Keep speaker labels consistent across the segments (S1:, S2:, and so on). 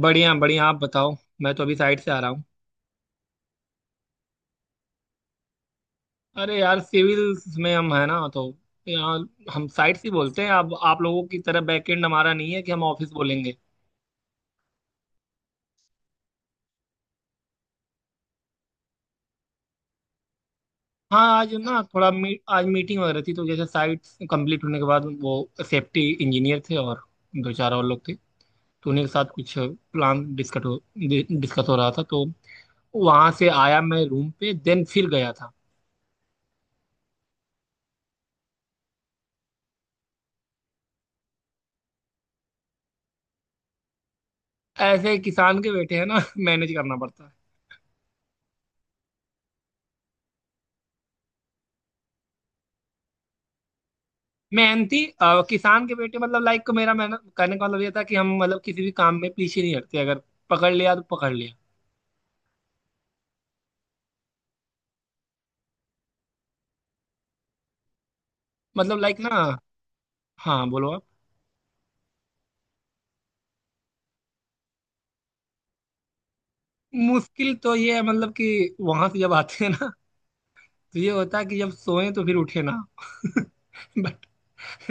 S1: बढ़िया बढ़िया, आप बताओ। मैं तो अभी साइड से आ रहा हूँ। अरे यार, सिविल्स में हम है ना, तो यहाँ हम साइड से बोलते हैं। अब आप लोगों की तरह बैकएंड हमारा नहीं है कि हम ऑफिस बोलेंगे। हाँ, आज ना थोड़ा आज मीटिंग वगैरह थी, तो जैसे साइट कंप्लीट होने के बाद वो सेफ्टी इंजीनियर थे और दो चार और लोग थे, तो उन्हीं के साथ कुछ प्लान डिस्कस हो रहा था। तो वहां से आया मैं रूम पे, देन फिर गया था। ऐसे किसान के बेटे हैं ना मैनेज करना पड़ता है। मेहनती किसान के बेटे मतलब लाइक, मेरा मेहनत करने का मतलब ये था कि हम मतलब किसी भी काम में पीछे नहीं हटते। अगर पकड़ लिया तो पकड़ लिया। मतलब लाइक ना। हाँ बोलो आप। मुश्किल तो ये है मतलब, कि वहां से जब आते हैं ना, तो ये होता है कि जब सोए तो फिर उठे ना। बट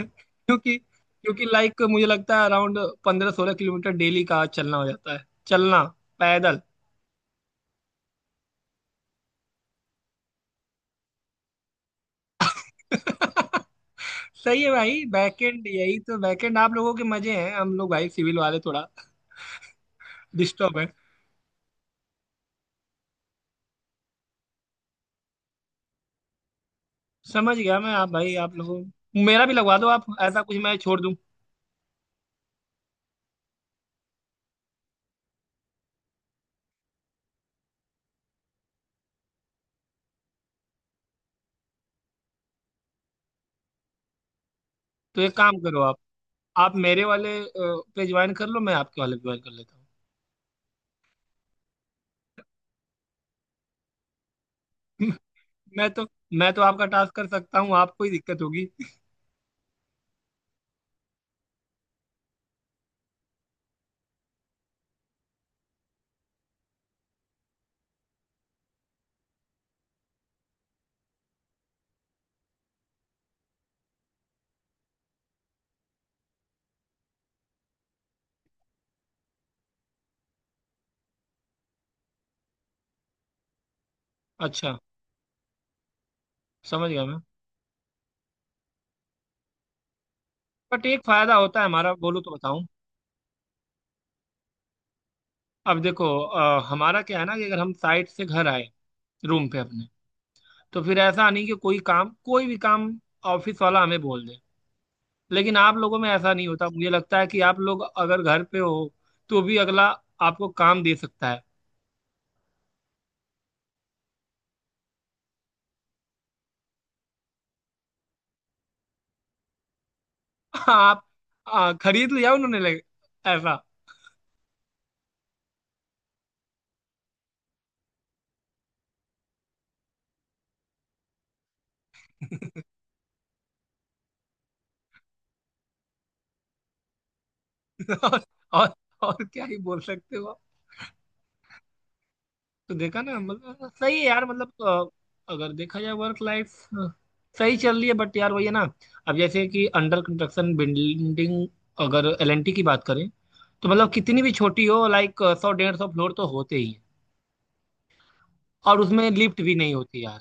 S1: क्योंकि क्योंकि लाइक मुझे लगता है अराउंड 15-16 किलोमीटर डेली का चलना हो जाता है, चलना पैदल। सही है भाई, बैकएंड यही तो। बैकएंड आप लोगों के मजे हैं, हम लोग भाई सिविल वाले थोड़ा डिस्टर्ब। समझ गया मैं आप भाई, आप लोगों मेरा भी लगवा दो। आप ऐसा कुछ, मैं छोड़ दूं। तो एक काम करो आप मेरे वाले पे ज्वाइन कर लो, मैं आपके वाले पे ज्वाइन कर लेता हूँ। मैं तो मैं तो आपका टास्क कर सकता हूँ, आपको ही दिक्कत होगी। अच्छा। समझ गया मैं बट एक फायदा होता है हमारा, बोलो तो बताऊं। अब देखो हमारा क्या है ना, कि अगर हम साइट से घर आए, रूम पे अपने, तो फिर ऐसा नहीं कि कोई काम, कोई भी काम ऑफिस वाला हमें बोल दे। लेकिन आप लोगों में ऐसा नहीं होता, मुझे लगता है कि आप लोग अगर घर पे हो, तो भी अगला आपको काम दे सकता है। आप खरीद लिया उन्होंने, ले ऐसा। और, और और क्या ही बोल सकते हो आप। तो देखा ना, मतलब सही है यार। मतलब अगर देखा जाए वर्क लाइफ सही चल रही है, बट यार वही है ना। अब जैसे कि अंडर कंस्ट्रक्शन बिल्डिंग, अगर एलएनटी की बात करें, तो मतलब कितनी भी छोटी हो लाइक, 100-150 फ्लोर तो होते ही हैं, और उसमें लिफ्ट भी नहीं होती यार।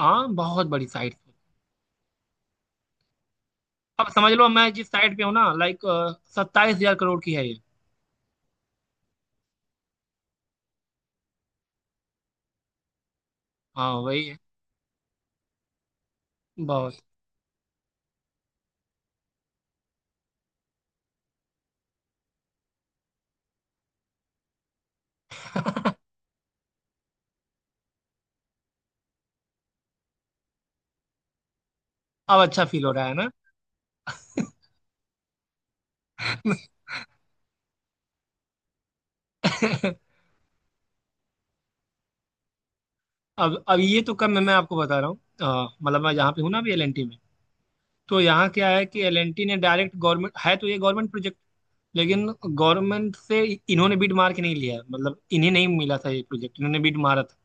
S1: हाँ, बहुत बड़ी साइट। अब समझ लो मैं जिस साइट पे हूँ ना लाइक, 27 हजार करोड़ की है ये। हाँ वही है। बहुत। अब अच्छा फील हो रहा है ना। अब ये तो कम है, मैं आपको बता रहा हूँ। मतलब मैं जहाँ पे हूँ ना अभी एलएनटी में, तो यहाँ क्या है कि एलएनटी ने डायरेक्ट गवर्नमेंट है, तो ये गवर्नमेंट प्रोजेक्ट। लेकिन गवर्नमेंट से इन्होंने बिड मार के नहीं लिया है, मतलब इन्हें नहीं मिला था ये प्रोजेक्ट। इन्होंने बिड मारा था।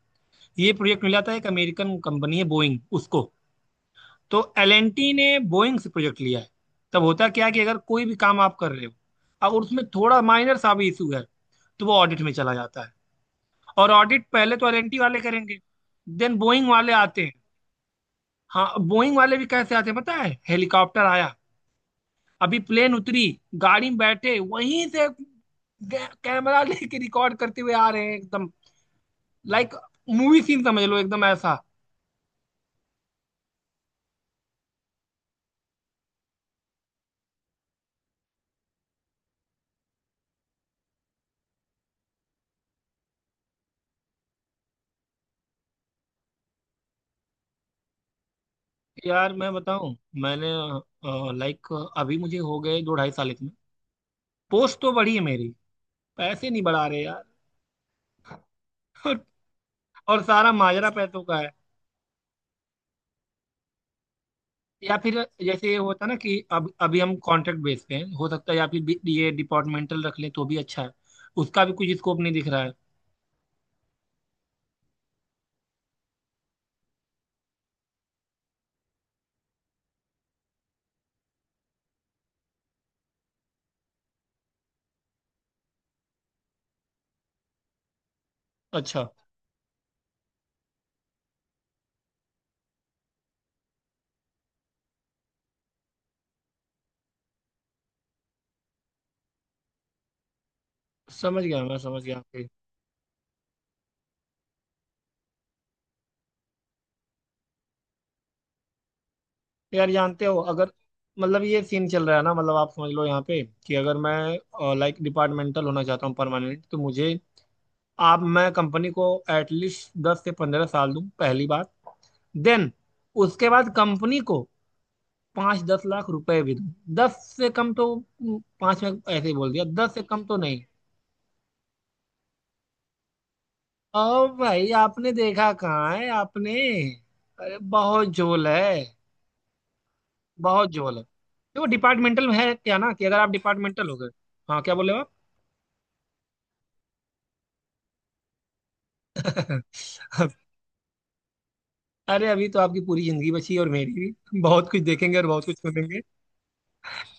S1: ये प्रोजेक्ट मिला था एक अमेरिकन कंपनी है बोइंग, उसको। तो एलएनटी ने बोइंग से प्रोजेक्ट लिया है। तब होता क्या है कि अगर कोई भी काम आप कर रहे हो और उसमें थोड़ा माइनर सा भी इशू है, तो वो ऑडिट में चला जाता है। और ऑडिट पहले तो एलएनटी वाले करेंगे, देन बोइंग वाले आते हैं। हाँ, बोइंग वाले भी कैसे आते हैं पता है, हेलीकॉप्टर आया, अभी प्लेन उतरी, गाड़ी में बैठे वहीं से कैमरा लेके रिकॉर्ड करते हुए आ रहे हैं एकदम। लाइक मूवी सीन समझ लो, एकदम ऐसा। यार मैं बताऊं, मैंने लाइक अभी मुझे हो गए 2-2.5 साल इसमें। पोस्ट तो बढ़ी है मेरी, पैसे नहीं बढ़ा रहे यार। और, और सारा माजरा पैसों का है। या फिर जैसे ये होता ना, कि अब अभी हम कॉन्ट्रैक्ट बेस पे हैं, हो सकता है या फिर ये डिपार्टमेंटल रख लें तो भी अच्छा है। उसका भी कुछ स्कोप नहीं दिख रहा है। अच्छा। समझ गया मैं, समझ गया आपके। यार जानते हो, अगर मतलब ये सीन चल रहा है ना, मतलब आप समझ लो यहाँ पे, कि अगर मैं लाइक डिपार्टमेंटल होना चाहता हूँ परमानेंट, तो मुझे आप मैं कंपनी को एटलीस्ट 10 से 15 साल दूं पहली बात। देन उसके बाद कंपनी को 5-10 लाख रुपए भी दूं। दस से कम तो 5 में ऐसे ही बोल दिया, 10 से कम तो नहीं। और भाई आपने देखा कहाँ है, आपने? अरे बहुत झोल है। बहुत झोल है। देखो डिपार्टमेंटल में है क्या ना, कि अगर आप डिपार्टमेंटल हो गए। हाँ क्या बोले आप? अरे अभी तो आपकी पूरी जिंदगी बची है और मेरी भी, बहुत कुछ देखेंगे और बहुत कुछ सुनेंगे।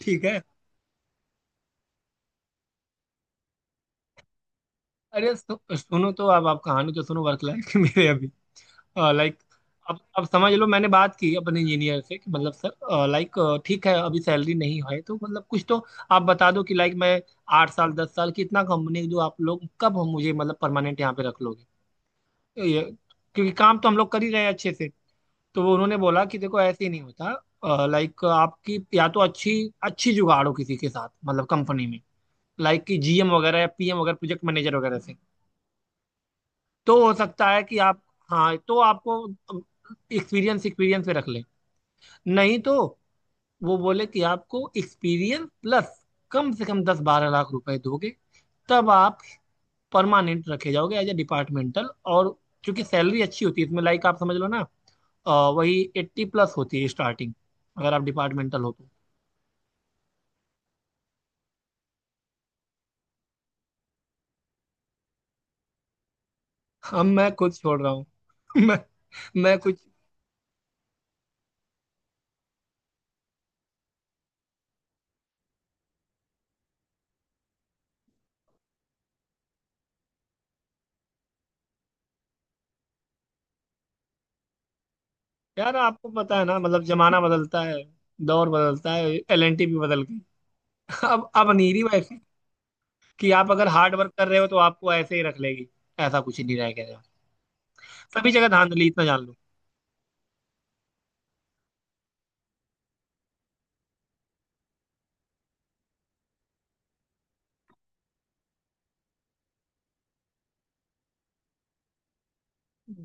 S1: ठीक है। अरे सुनो तो, अब आप कहानी तो सुनो वर्क लाइफ मेरे अभी, लाइक। अब समझ लो, मैंने बात की अपने इंजीनियर से, कि मतलब सर लाइक ठीक है अभी सैलरी नहीं है, तो मतलब कुछ तो आप बता दो कि लाइक मैं 8 साल 10 साल कितना कंपनी जो आप लोग, कब हम मुझे मतलब परमानेंट यहाँ पे रख लोगे, तो ये। क्योंकि काम तो हम लोग कर ही रहे हैं अच्छे से। तो वो उन्होंने बोला कि देखो ऐसे ही नहीं होता, लाइक आपकी या तो अच्छी अच्छी जुगाड़ हो किसी के साथ, मतलब कंपनी में, लाइक कि जीएम वगैरह या पीएम वगैरह, प्रोजेक्ट मैनेजर वगैरह से, तो हो सकता है कि आप, हाँ तो आपको एक्सपीरियंस एक्सपीरियंस पे रख ले। नहीं तो वो बोले कि आपको एक्सपीरियंस प्लस कम से कम 10-12 लाख रुपए दोगे, तब आप परमानेंट रखे जाओगे एज ए डिपार्टमेंटल। और चूंकि सैलरी अच्छी होती है इसमें, लाइक आप समझ लो ना, अ, वही 80 प्लस होती है स्टार्टिंग, अगर आप डिपार्टमेंटल हो तो। अब मैं खुद छोड़ रहा हूँ। मैं मैं कुछ। यार आपको पता है ना, मतलब जमाना बदलता है, दौर बदलता है, एलएनटी भी बदल गई। अब नहीं रही वैसे, कि आप अगर हार्ड वर्क कर रहे हो तो आपको ऐसे ही रख लेगी। ऐसा कुछ नहीं रह गया, सभी जगह धांधली, इतना जान लो।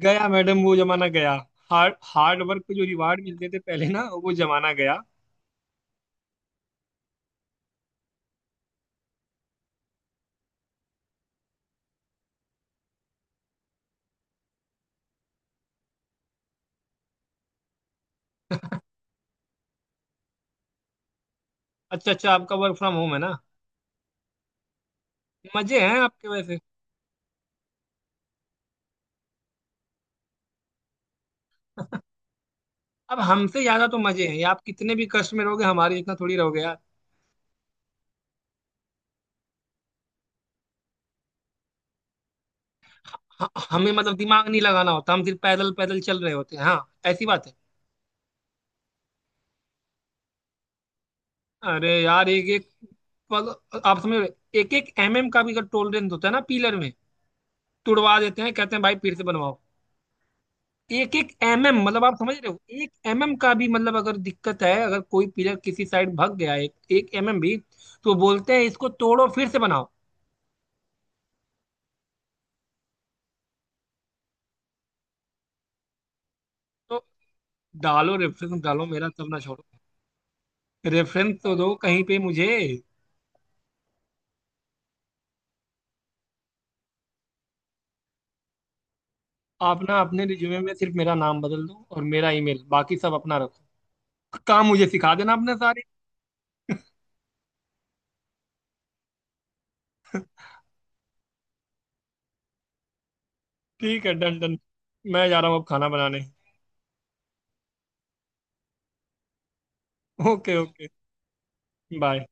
S1: गया मैडम, वो जमाना गया। हार्ड हार्ड वर्क पे जो रिवार्ड मिलते थे पहले ना, वो जमाना गया। अच्छा अच्छा, आपका वर्क फ्रॉम होम है ना। मजे हैं आपके वैसे। अब हमसे ज्यादा तो मजे हैं आप, कितने भी कष्ट में रहोगे, हमारे जितना थोड़ी रहोगे यार। हमें मतलब दिमाग नहीं लगाना होता, हम सिर्फ पैदल पैदल चल रहे होते हैं, हाँ ऐसी बात है। अरे यार, एक एक मतलब आप समझ रहे, एक एक mm का भी अगर टोलरेंस होता है ना पिलर में, तुड़वा देते हैं। कहते हैं भाई फिर से बनवाओ। एक एक एमएम मतलब आप समझ रहे हो, एक एमएम का भी मतलब अगर दिक्कत है, अगर कोई पिलर किसी साइड भग गया एक एक एमएम भी, तो बोलते हैं इसको तोड़ो फिर से बनाओ। तो डालो रेफरेंस, डालो मेरा, सब ना छोड़ो। रेफरेंस तो दो कहीं पे मुझे। आप ना अपने रिज्यूमे में सिर्फ मेरा नाम बदल दो और मेरा ईमेल, बाकी सब अपना रखो। काम मुझे सिखा देना अपने सारे। ठीक है, डन डन। मैं जा रहा हूँ अब खाना बनाने। Okay okay. बाय।